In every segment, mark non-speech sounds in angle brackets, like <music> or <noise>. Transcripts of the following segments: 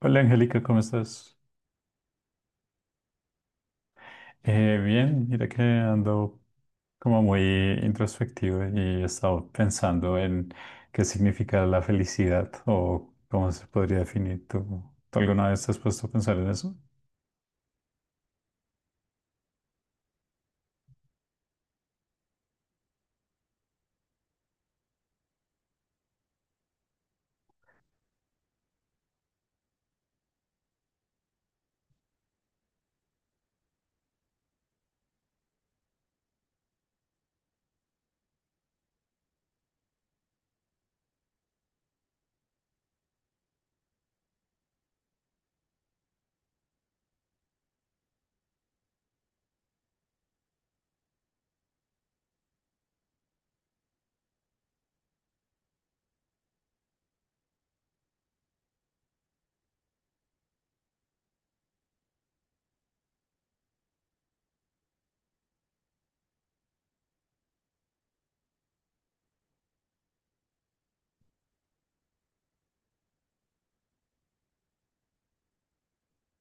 Hola Angélica, ¿cómo estás? Bien, mira que ando como muy introspectivo y he estado pensando en qué significa la felicidad o cómo se podría definir. ¿Tú alguna vez te has puesto a pensar en eso?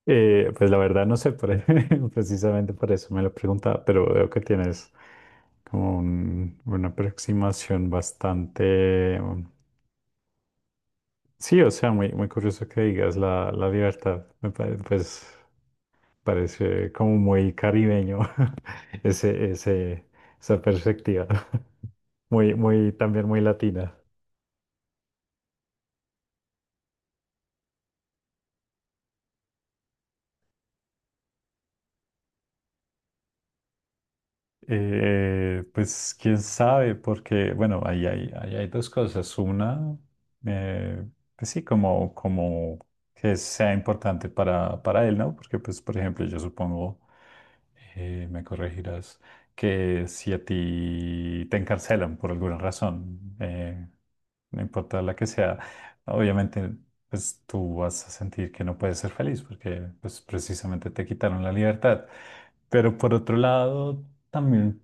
Pues la verdad no sé, <laughs> precisamente por eso me lo preguntaba, pero veo que tienes como una aproximación bastante. Sí, o sea, muy curioso que digas la libertad, me parece, pues parece como muy caribeño. <laughs> ese, ese, Esa perspectiva. <laughs> Muy, muy, también muy latina. Pues quién sabe, porque bueno, ahí hay dos cosas. Una, eh, pues sí, como que sea importante para él, ¿no? Porque pues, por ejemplo, yo supongo, me corregirás, que si a ti te encarcelan por alguna razón, no importa la que sea, obviamente pues tú vas a sentir que no puedes ser feliz porque pues precisamente te quitaron la libertad. Pero por otro lado, también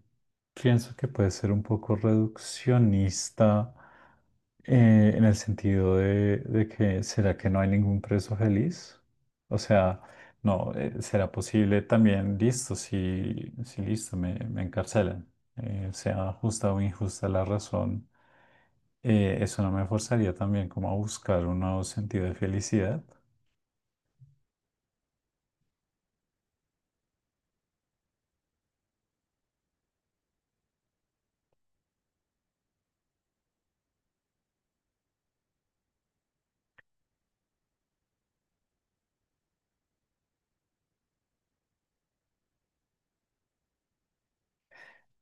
pienso que puede ser un poco reduccionista en el sentido de que ¿será que no hay ningún preso feliz? O sea, no, ¿será posible también, listo, si listo, me encarcelan, sea justa o injusta la razón, eso no me forzaría también como a buscar un nuevo sentido de felicidad?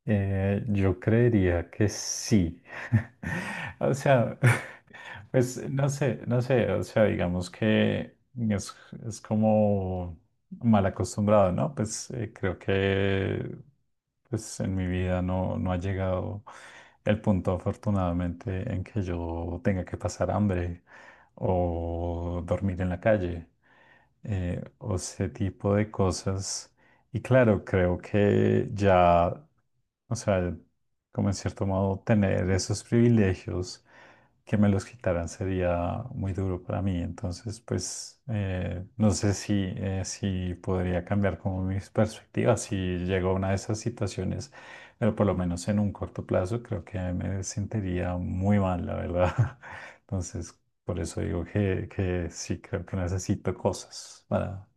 Yo creería que sí. <laughs> O sea, <laughs> pues no sé, o sea, digamos que es, es como mal acostumbrado, ¿no? Pues creo que pues en mi vida no ha llegado el punto afortunadamente en que yo tenga que pasar hambre o dormir en la calle, o ese tipo de cosas. Y claro, creo que ya, o sea, como en cierto modo, tener esos privilegios que me los quitaran sería muy duro para mí. Entonces, pues, no sé si, si podría cambiar como mis perspectivas si llego a una de esas situaciones, pero por lo menos en un corto plazo creo que me sentiría muy mal, la verdad. <laughs> Entonces, por eso digo que sí creo que necesito cosas para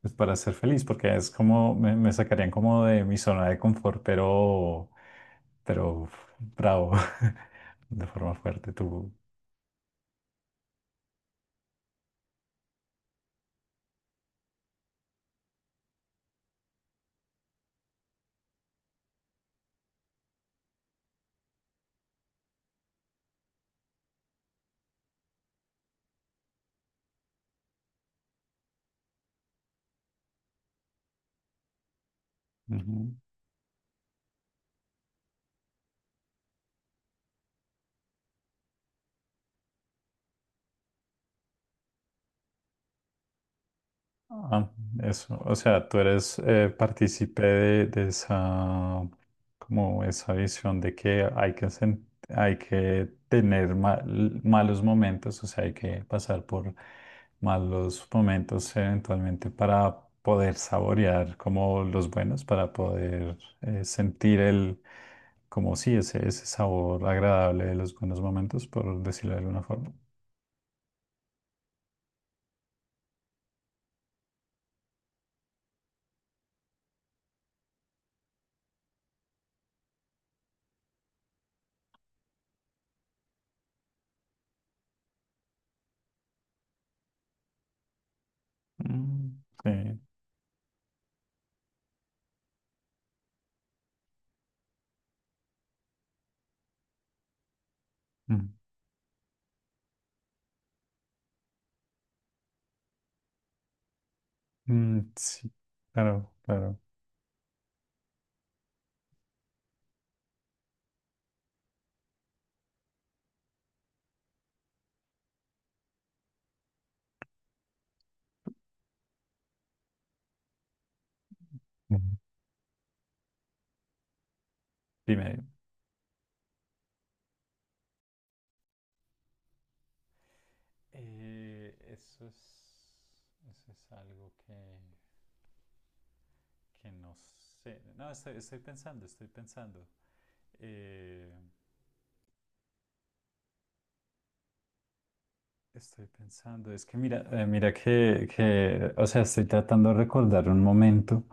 pues para ser feliz, porque es como, me sacarían como de mi zona de confort, pero bravo, <laughs> de forma fuerte tú. Ujú. Ah, eso, o sea, tú eres, partícipe de esa, como esa visión de que hay que, hay que tener malos momentos, o sea, hay que pasar por malos momentos eventualmente para poder saborear como los buenos, para poder, sentir el, como sí, ese, sabor agradable de los buenos momentos, por decirlo de alguna forma. Mm, sí. Mm, mm, sí, claro, claro. Ujú. Dime. Eh, eso es, eso es algo que no sé. No, estoy pensando. Eh, Estoy pensando, es que mira, mira que, o sea, estoy tratando de recordar un momento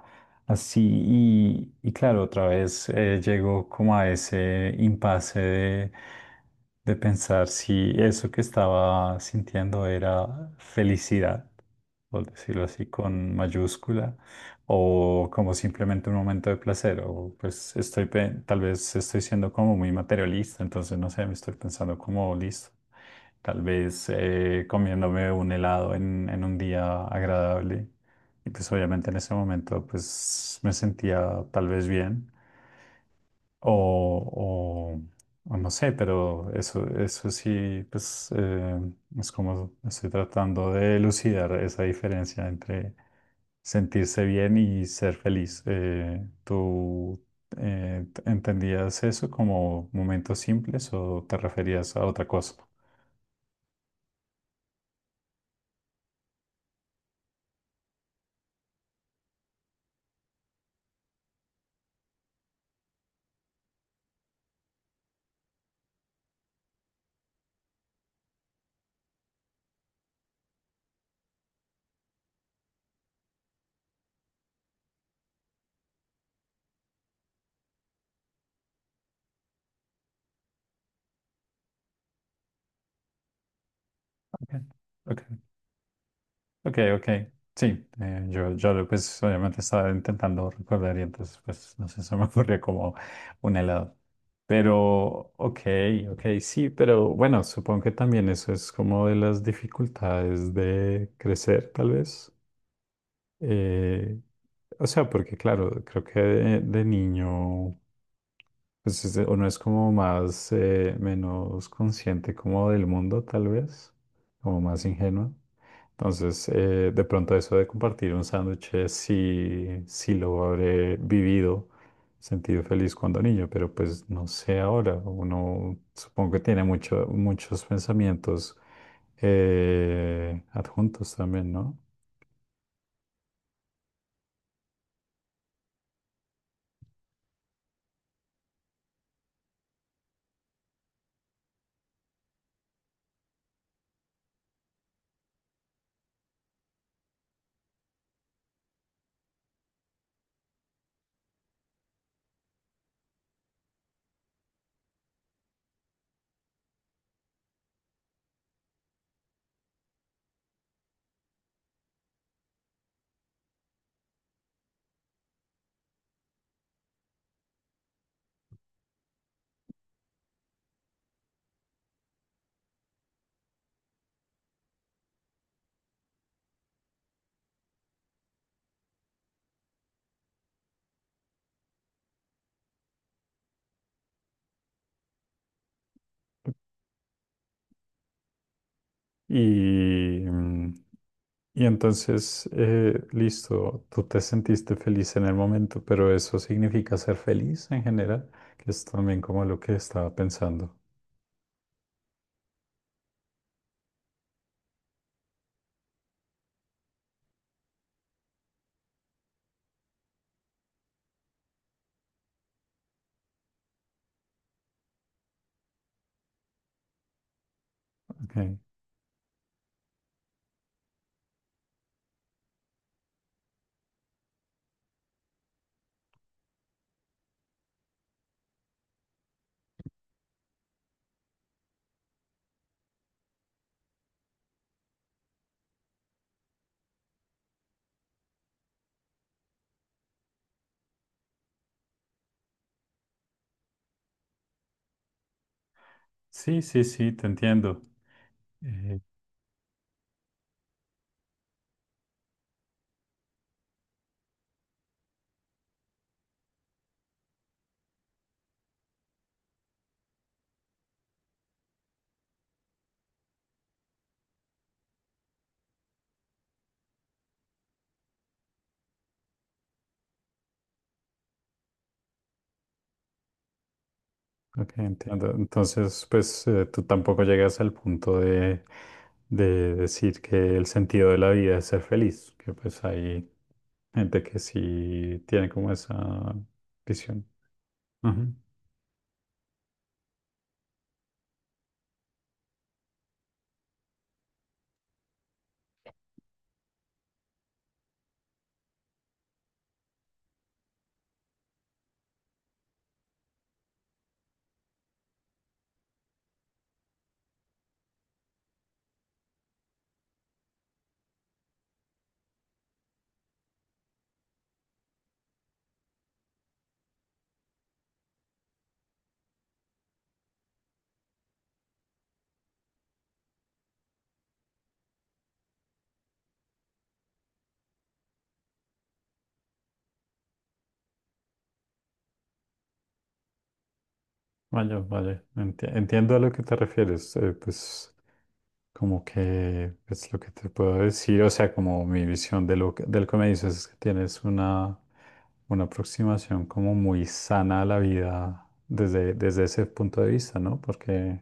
así y claro, otra vez, llego como a ese impasse de pensar si eso que estaba sintiendo era felicidad, por decirlo así, con mayúscula, o como simplemente un momento de placer, o pues estoy, tal vez estoy siendo como muy materialista, entonces no sé, me estoy pensando como listo, tal vez, comiéndome un helado en un día agradable, y pues obviamente en ese momento pues me sentía tal vez bien, o no sé, pero eso sí, pues es como estoy tratando de elucidar esa diferencia entre sentirse bien y ser feliz. ¿Tú entendías eso como momentos simples o te referías a otra cosa? Ok, ok. Ok, ok. Sí, yo pues obviamente estaba intentando recordar y entonces pues no sé, se me <laughs> ocurrió como un helado. Pero, ok, ok, sí, pero bueno, supongo que también eso es como de las dificultades de crecer, tal vez. Eh, o sea, porque claro, creo que de niño pues uno es como más, menos consciente como del mundo, tal vez, como más ingenuo. Entonces, de pronto eso de compartir un sándwich, sí, sí lo habré vivido, sentido feliz cuando niño, pero pues no sé ahora. Uno supongo que tiene muchos pensamientos, adjuntos también, ¿no? Y, mm, y entonces, listo, tú te sentiste feliz en el momento, pero eso significa ser feliz en general, que es también como lo que estaba pensando. Ok. Sí, sí, sí, te entiendo. Eh, ok, entiendo. Entonces, pues tú tampoco llegas al punto de decir que el sentido de la vida es ser feliz, que pues hay gente que sí tiene como esa visión. Ujú. Vaya, vaya, entiendo a lo que te refieres. Pues como que es lo que te puedo decir, o sea, como mi visión de lo que, del que me dices es que tienes una aproximación como muy sana a la vida desde, desde ese punto de vista, ¿no? Porque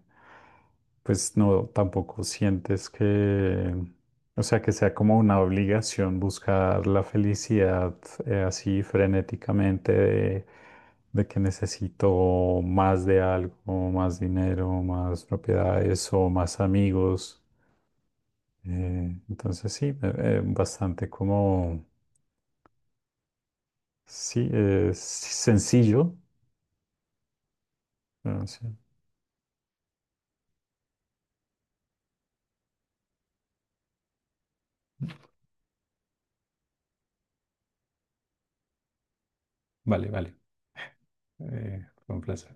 pues no, tampoco sientes que, o sea, que sea como una obligación buscar la felicidad, así frenéticamente de que necesito más de algo, más dinero, más propiedades o más amigos. Entonces sí, bastante como, sí, sencillo. Ah, sí. Vale, vale. Fue un placer.